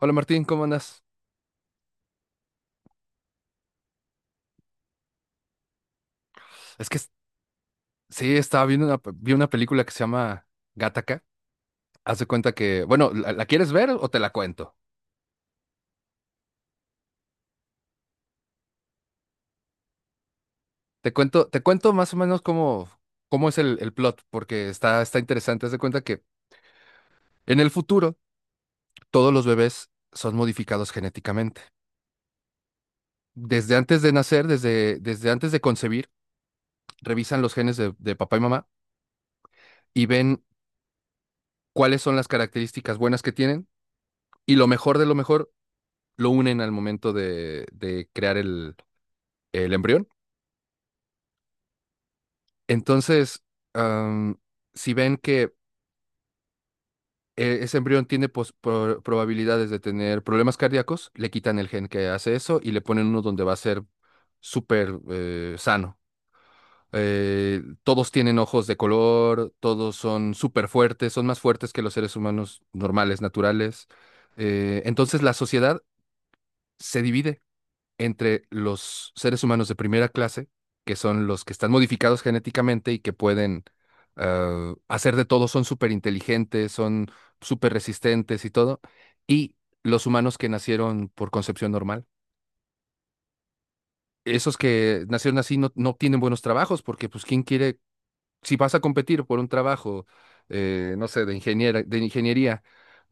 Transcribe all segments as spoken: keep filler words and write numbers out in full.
Hola Martín, ¿cómo andas? Es que es- sí, estaba viendo una, pe- vi una película que se llama Gattaca. Haz de cuenta que, bueno, ¿la, la quieres ver o te la cuento? Te cuento, te cuento más o menos cómo, cómo es el, el plot, porque está, está interesante. Haz de cuenta que en el futuro todos los bebés son modificados genéticamente. Desde antes de nacer, desde, desde antes de concebir, revisan los genes de, de papá y mamá y ven cuáles son las características buenas que tienen y lo mejor de lo mejor lo unen al momento de, de crear el embrión. Entonces, am, si ven que eh, ese embrión tiene pos- pro- probabilidades de tener problemas cardíacos, le quitan el gen que hace eso y le ponen uno donde va a ser súper eh, sano. Eh, todos tienen ojos de color, todos son súper fuertes, son más fuertes que los seres humanos normales, naturales. Eh, entonces la sociedad se divide entre los seres humanos de primera clase, que son los que están modificados genéticamente y que pueden eh, hacer de todo, son súper inteligentes, son súper resistentes y todo, y los humanos que nacieron por concepción normal. Esos que nacieron así no, no tienen buenos trabajos porque pues ¿quién quiere si vas a competir por un trabajo, eh, no sé, de ingeniera, de ingeniería,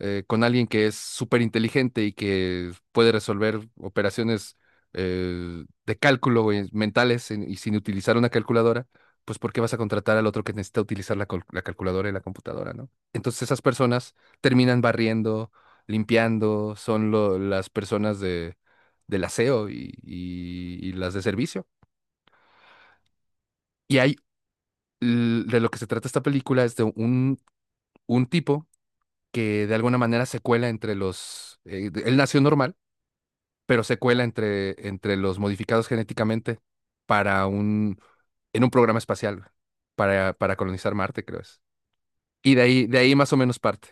eh, con alguien que es súper inteligente y que puede resolver operaciones eh, de cálculo güey, mentales en- y sin utilizar una calculadora, pues ¿por qué vas a contratar al otro que necesita utilizar la, col- la calculadora y la computadora, ¿no? Entonces esas personas terminan barriendo, limpiando, son lo- las personas de, del aseo y y- y las de servicio. Y hay l- de lo que se trata esta película es de un un tipo que de alguna manera se cuela entre los... eh, de- él nació normal, pero se cuela entre, entre los modificados genéticamente para un... en un programa espacial para, para colonizar Marte, creo es. Y de ahí, de ahí más o menos parte.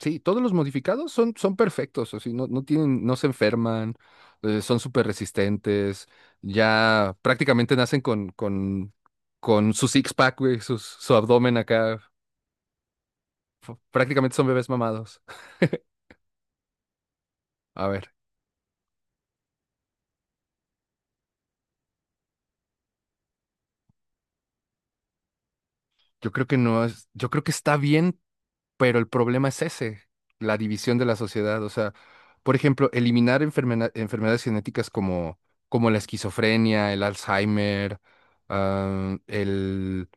Sí, todos los modificados son, son perfectos, o sea, no, no tienen, no se enferman, eh, son súper resistentes, ya prácticamente nacen con, con, con su six-pack, güey, sus- su abdomen acá, f- prácticamente son bebés mamados. A ver. Yo creo que no es, Yo creo que está bien, pero el problema es ese, la división de la sociedad. O sea, por ejemplo, eliminar enfermena- enfermedades genéticas como, como la esquizofrenia, el Alzheimer, ah, el,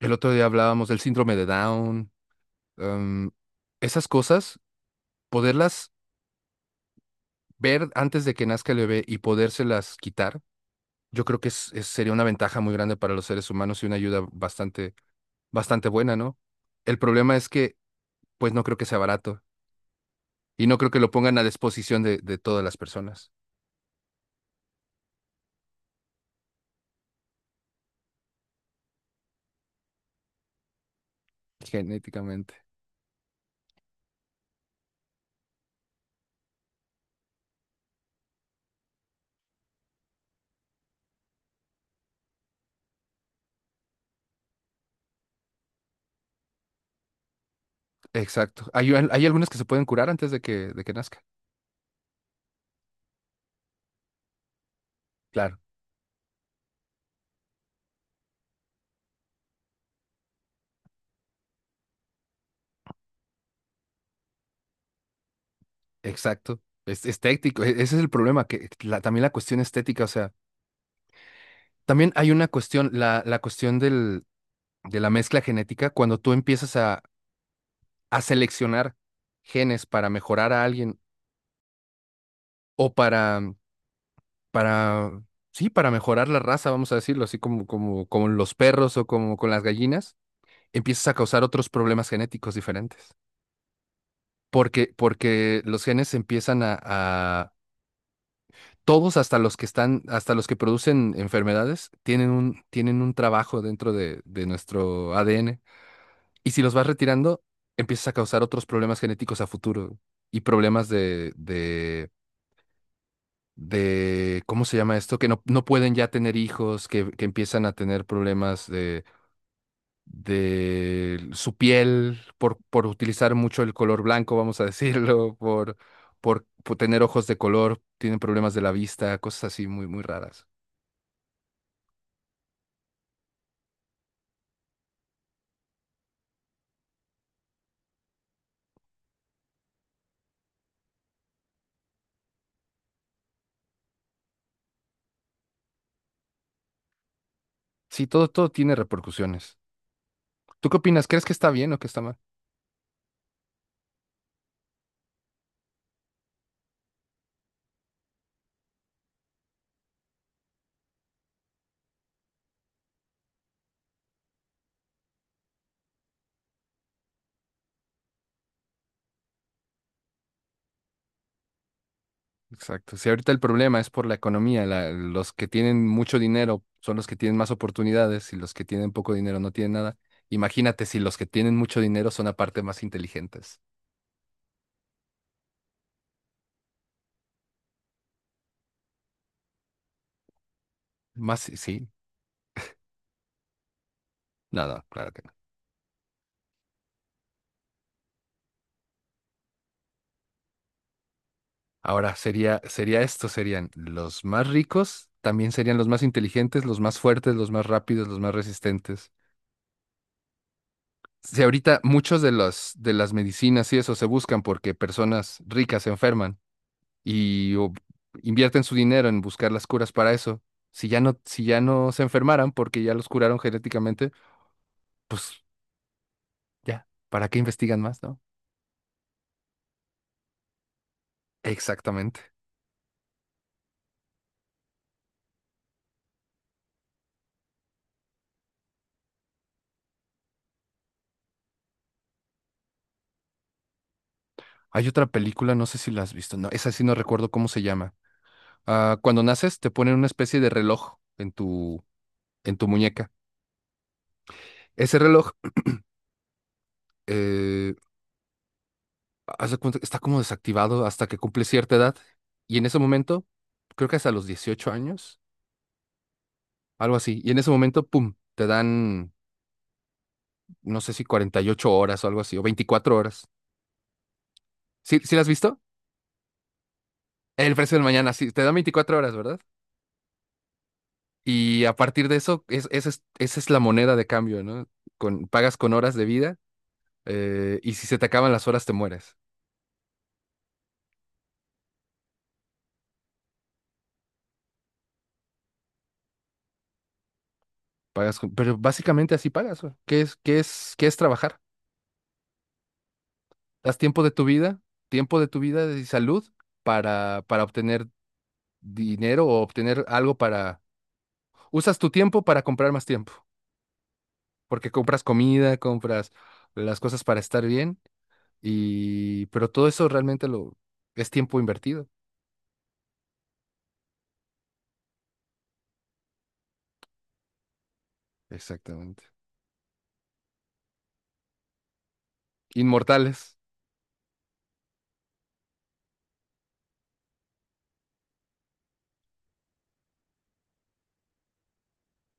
el otro día hablábamos del síndrome de Down, am, esas cosas, poderlas ver antes de que nazca el bebé y podérselas quitar, yo creo que es- es- sería una ventaja muy grande para los seres humanos y una ayuda bastante, bastante buena, ¿no? El problema es que, pues no creo que sea barato. Y no creo que lo pongan a disposición de, de todas las personas genéticamente. Exacto. Hay, al- hay algunas que se pueden curar antes de que, de que nazca. Claro, exacto. Es, estético. e- Ese es el problema, que la- también la cuestión estética, o sea, también hay una cuestión, la, la cuestión del, de la mezcla genética, cuando tú empiezas a, a seleccionar genes para mejorar a alguien o para, para, sí, para mejorar la raza, vamos a decirlo, así como, como, como los perros o como con las gallinas empiezas a causar otros problemas genéticos diferentes. Porque, porque los genes empiezan a, a- todos hasta los que están, hasta los que producen enfermedades, tienen un, tienen un trabajo dentro de, de nuestro A D N. Y si los vas retirando, empiezas a causar otros problemas genéticos a futuro y problemas de, de, de, ¿cómo se llama esto? Que no, no pueden ya tener hijos, que, que empiezan a tener problemas de de su piel, por, por utilizar mucho el color blanco, vamos a decirlo, por, por, por tener ojos de color, tienen problemas de la vista, cosas así muy, muy raras. Sí, todo, todo tiene repercusiones. ¿Tú qué opinas? ¿Crees que está bien o que está mal? Exacto. Si ahorita el problema es por la economía, la- los que tienen mucho dinero son los que tienen más oportunidades y los que tienen poco dinero no tienen nada. Imagínate si los que tienen mucho dinero son aparte más inteligentes. Más, sí, sí, nada, claro que. Ahora sería, sería esto, serían los más ricos, también serían los más inteligentes, los más fuertes, los más rápidos, los más resistentes. Si ahorita muchos de los, de las medicinas y eso se buscan porque personas ricas se enferman y o, invierten su dinero en buscar las curas para eso. Si ya no, si ya no se enfermaran porque ya los curaron genéticamente, pues ya, ¿para qué investigan más, no? Exactamente. Hay otra película, no sé si la has visto, no, esa sí no recuerdo cómo se llama. Ah, cuando naces te ponen una especie de reloj en tu, en tu muñeca. Ese reloj eh, haz de cuenta que está como desactivado hasta que cumple cierta edad. Y en ese momento, creo que hasta los dieciocho años, algo así. Y en ese momento, ¡pum! Te dan, no sé si cuarenta y ocho horas o algo así, o veinticuatro horas. ¿Sí, sí lo has visto? El precio del mañana, sí, te dan veinticuatro horas, ¿verdad? Y a partir de eso, es, esa es, esa es la moneda de cambio, ¿no? Con, pagas con horas de vida eh, y si se te acaban las horas, te mueres. Pagas, con- pero básicamente así pagas, güey. ¿Qué es, qué es, qué es trabajar? Das tiempo de tu vida, tiempo de tu vida y salud para, para obtener dinero o obtener algo para... Usas tu tiempo para comprar más tiempo, porque compras comida, compras las cosas para estar bien y... Pero todo eso realmente lo... es tiempo invertido. Exactamente. Inmortales.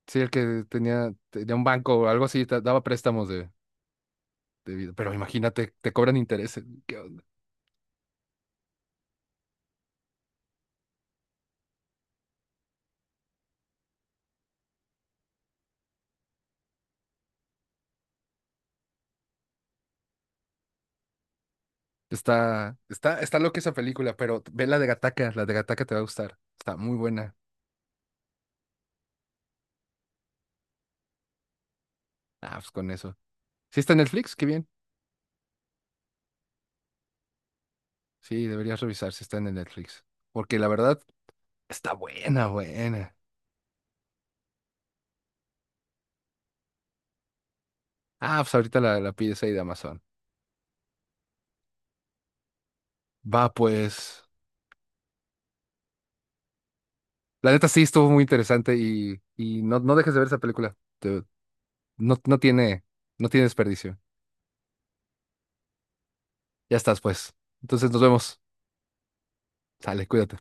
Sí, el que tenía, tenía un banco o algo así, te daba préstamos de, de vida. Pero imagínate, te cobran intereses. Está, está, está loca esa película, pero ve la de Gataca, la de Gataca te va a gustar. Está muy buena. Ah, pues con eso. ¿Sí está en Netflix? Qué bien. Sí, deberías revisar si está en el Netflix. Porque la verdad, está buena, buena. Ah, pues ahorita la, la pides ahí de Amazon. Va, pues. La neta sí estuvo muy interesante y, y no, no dejes de ver esa película. Te- No, no tiene, no tiene desperdicio. Ya estás, pues. Entonces nos vemos. Sale, cuídate.